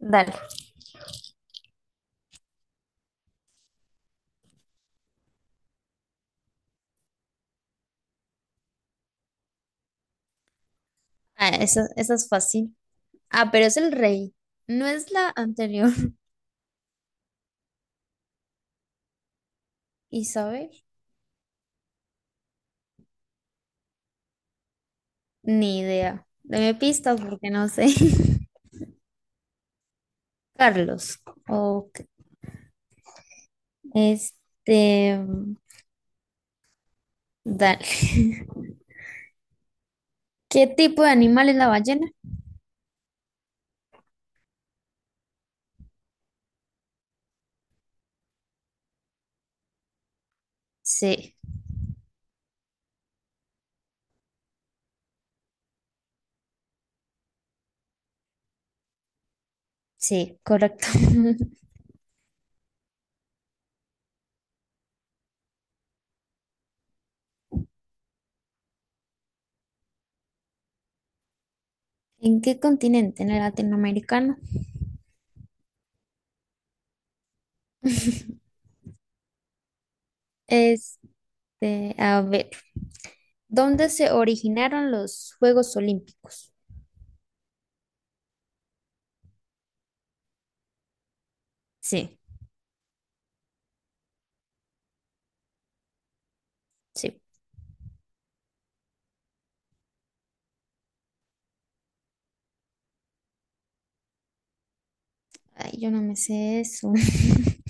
Dale. Ah, esa es fácil. Ah, pero es el rey. No es la anterior. Isabel. Ni idea. Deme pistas porque no sé. Carlos. Ok. Este. mm, Dale. ¿Qué tipo de animal es la ballena? Sí, sí, correcto. ¿En qué continente? ¿En el latinoamericano? Este, a ver, ¿dónde se originaron los Juegos Olímpicos? Sí, sí. Ay, yo no me sé eso.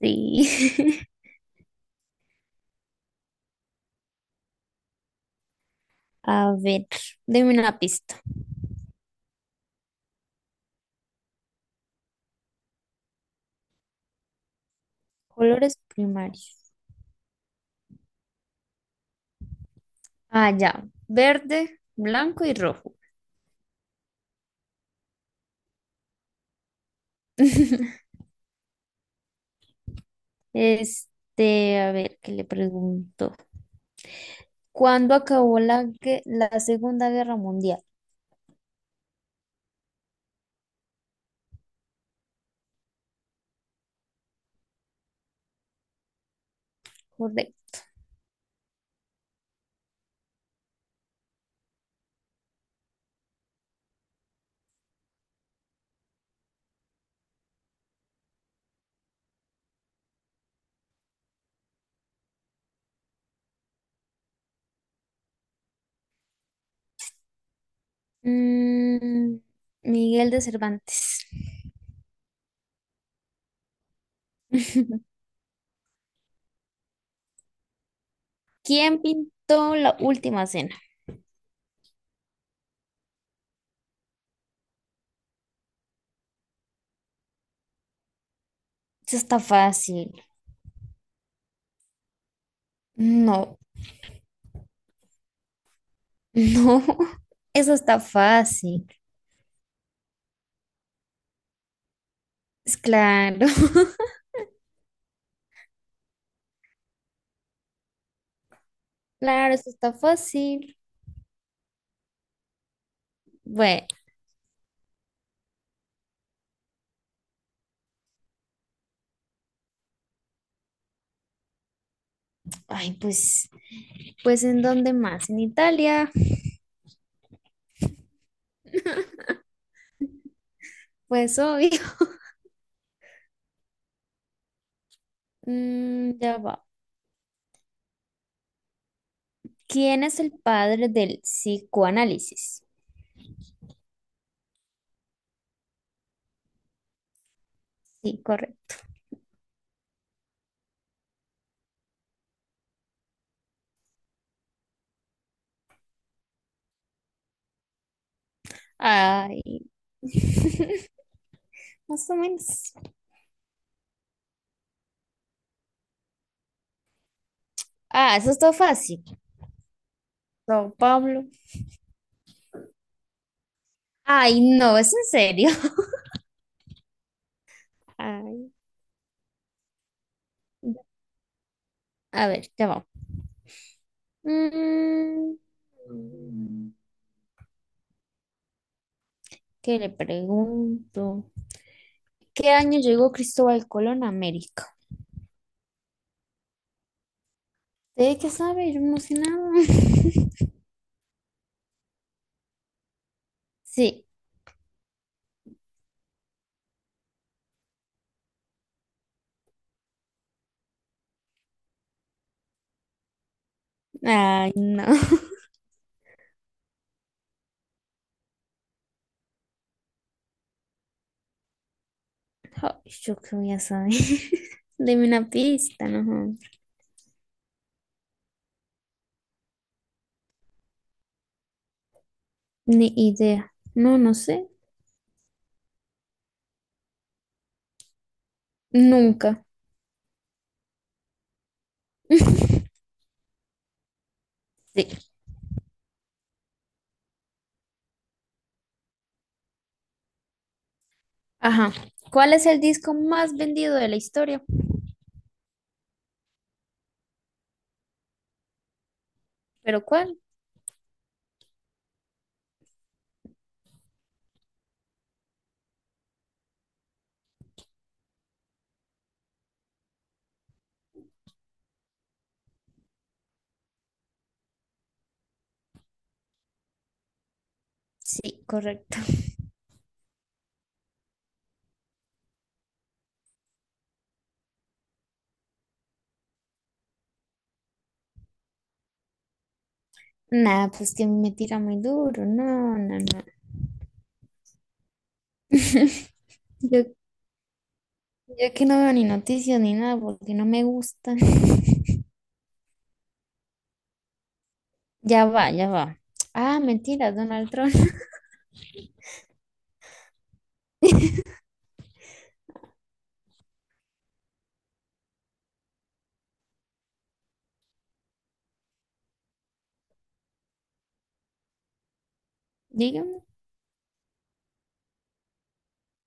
Sí. A ver, deme una pista. Colores primarios. Ah, ya. Verde, blanco y rojo. Este, a ver, ¿qué le pregunto? ¿Cuándo acabó la Segunda Guerra Mundial? Correcto. Mm, Miguel de Cervantes. ¿Quién pintó la última cena? Eso está fácil. No, no, eso está fácil. Es claro. Claro, eso está fácil. Bueno, ay, pues ¿en dónde más? En Italia, pues obvio. Ya va. ¿Quién es el padre del psicoanálisis? Sí, correcto. Ay, más o menos. Ah, eso está fácil. Don Pablo. Ay, no, es en serio. Ay, a ver, ya va. Mm, ¿Qué le pregunto? ¿Qué año llegó Cristóbal Colón a América? ¿De qué sabe? Yo no sé nada. Sí. Ay, no. Ay, yo qué voy a saber. Deme una pista, no. Ni idea. No, no sé. Nunca. Sí. Ajá. ¿Cuál es el disco más vendido de la historia? ¿Pero cuál? Sí, correcto. Nada, pues que me tira muy duro. No, no, no. Yo, yo que no veo ni noticias ni nada porque no me gustan. Ya va, ya va. Ah, mentira, Donald Trump. Dígame.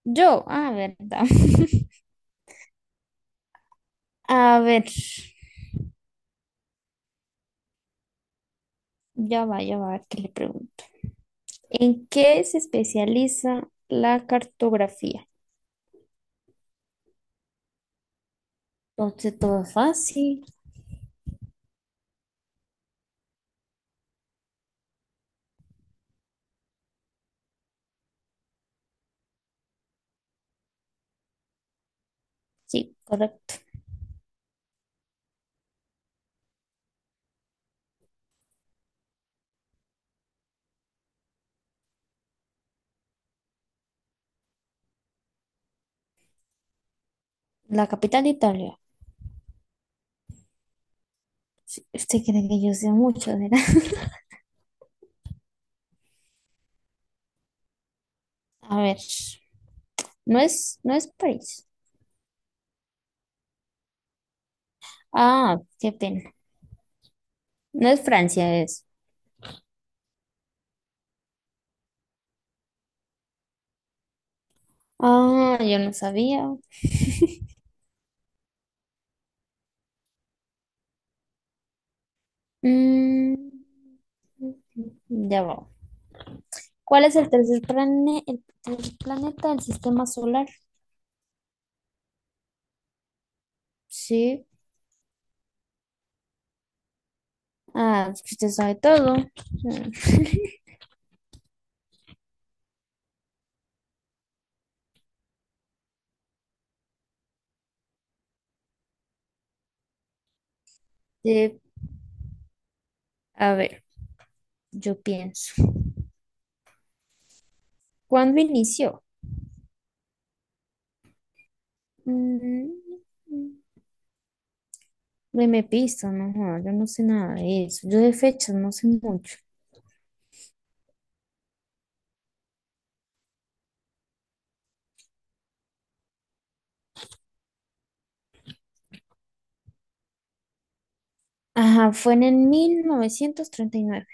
Yo, verdad. A ver, ya va, a ver qué le pregunto. ¿En qué se especializa la cartografía? Entonces, todo fácil. Sí, correcto. La capital de Italia. Usted cree que yo sé mucho, ¿verdad? A ver, no es París. Ah, qué pena. No es Francia, es. Ah, yo no sabía. Mm, ya va. ¿Cuál es el tercer plane- el tercer planeta del sistema solar? Sí. Ah, es que usted sabe todo. Mm. Sí. A ver, yo pienso. ¿Cuándo inició? Mm, Deme pista, no, joda, yo no sé nada de eso. Yo de fechas no sé mucho. Ajá, fue en el 1939.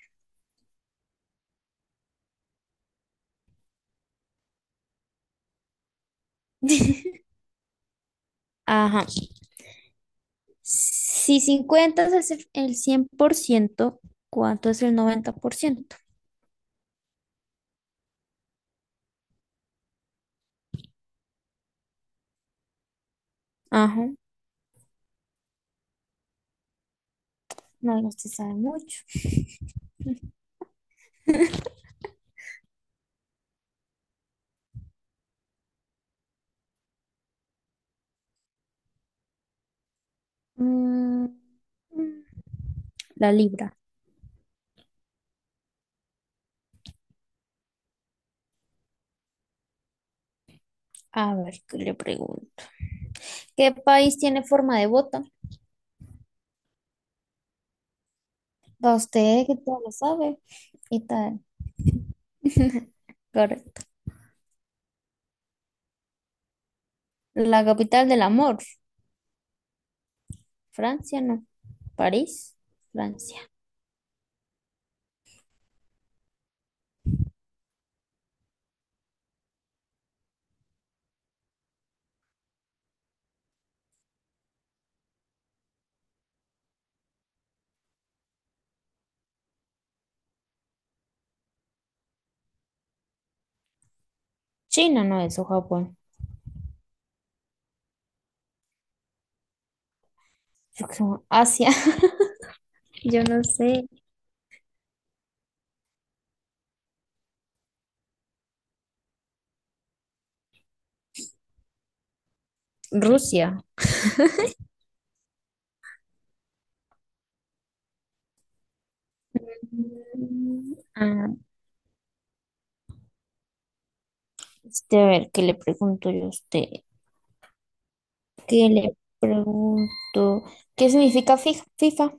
Ajá. Si 50 es el 100%, ¿cuánto es el 90%? Ajá, no, usted sabe mucho. Mm, mm, La libra. A ver, ¿qué le pregunto? ¿Qué país tiene forma de bota? Para usted que todo lo sabe y tal. Correcto. La capital del amor. Francia, no. París, Francia. China, no, eso, Japón. Yo creo, Asia. Yo no sé. Rusia. Mm, Ah, a ver, ¿qué le pregunto yo a usted? ¿Qué le pregunto? ¿Qué significa FIFA?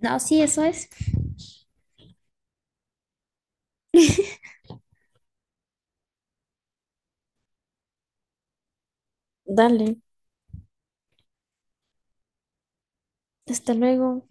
No, sí, eso es. Dale, hasta luego.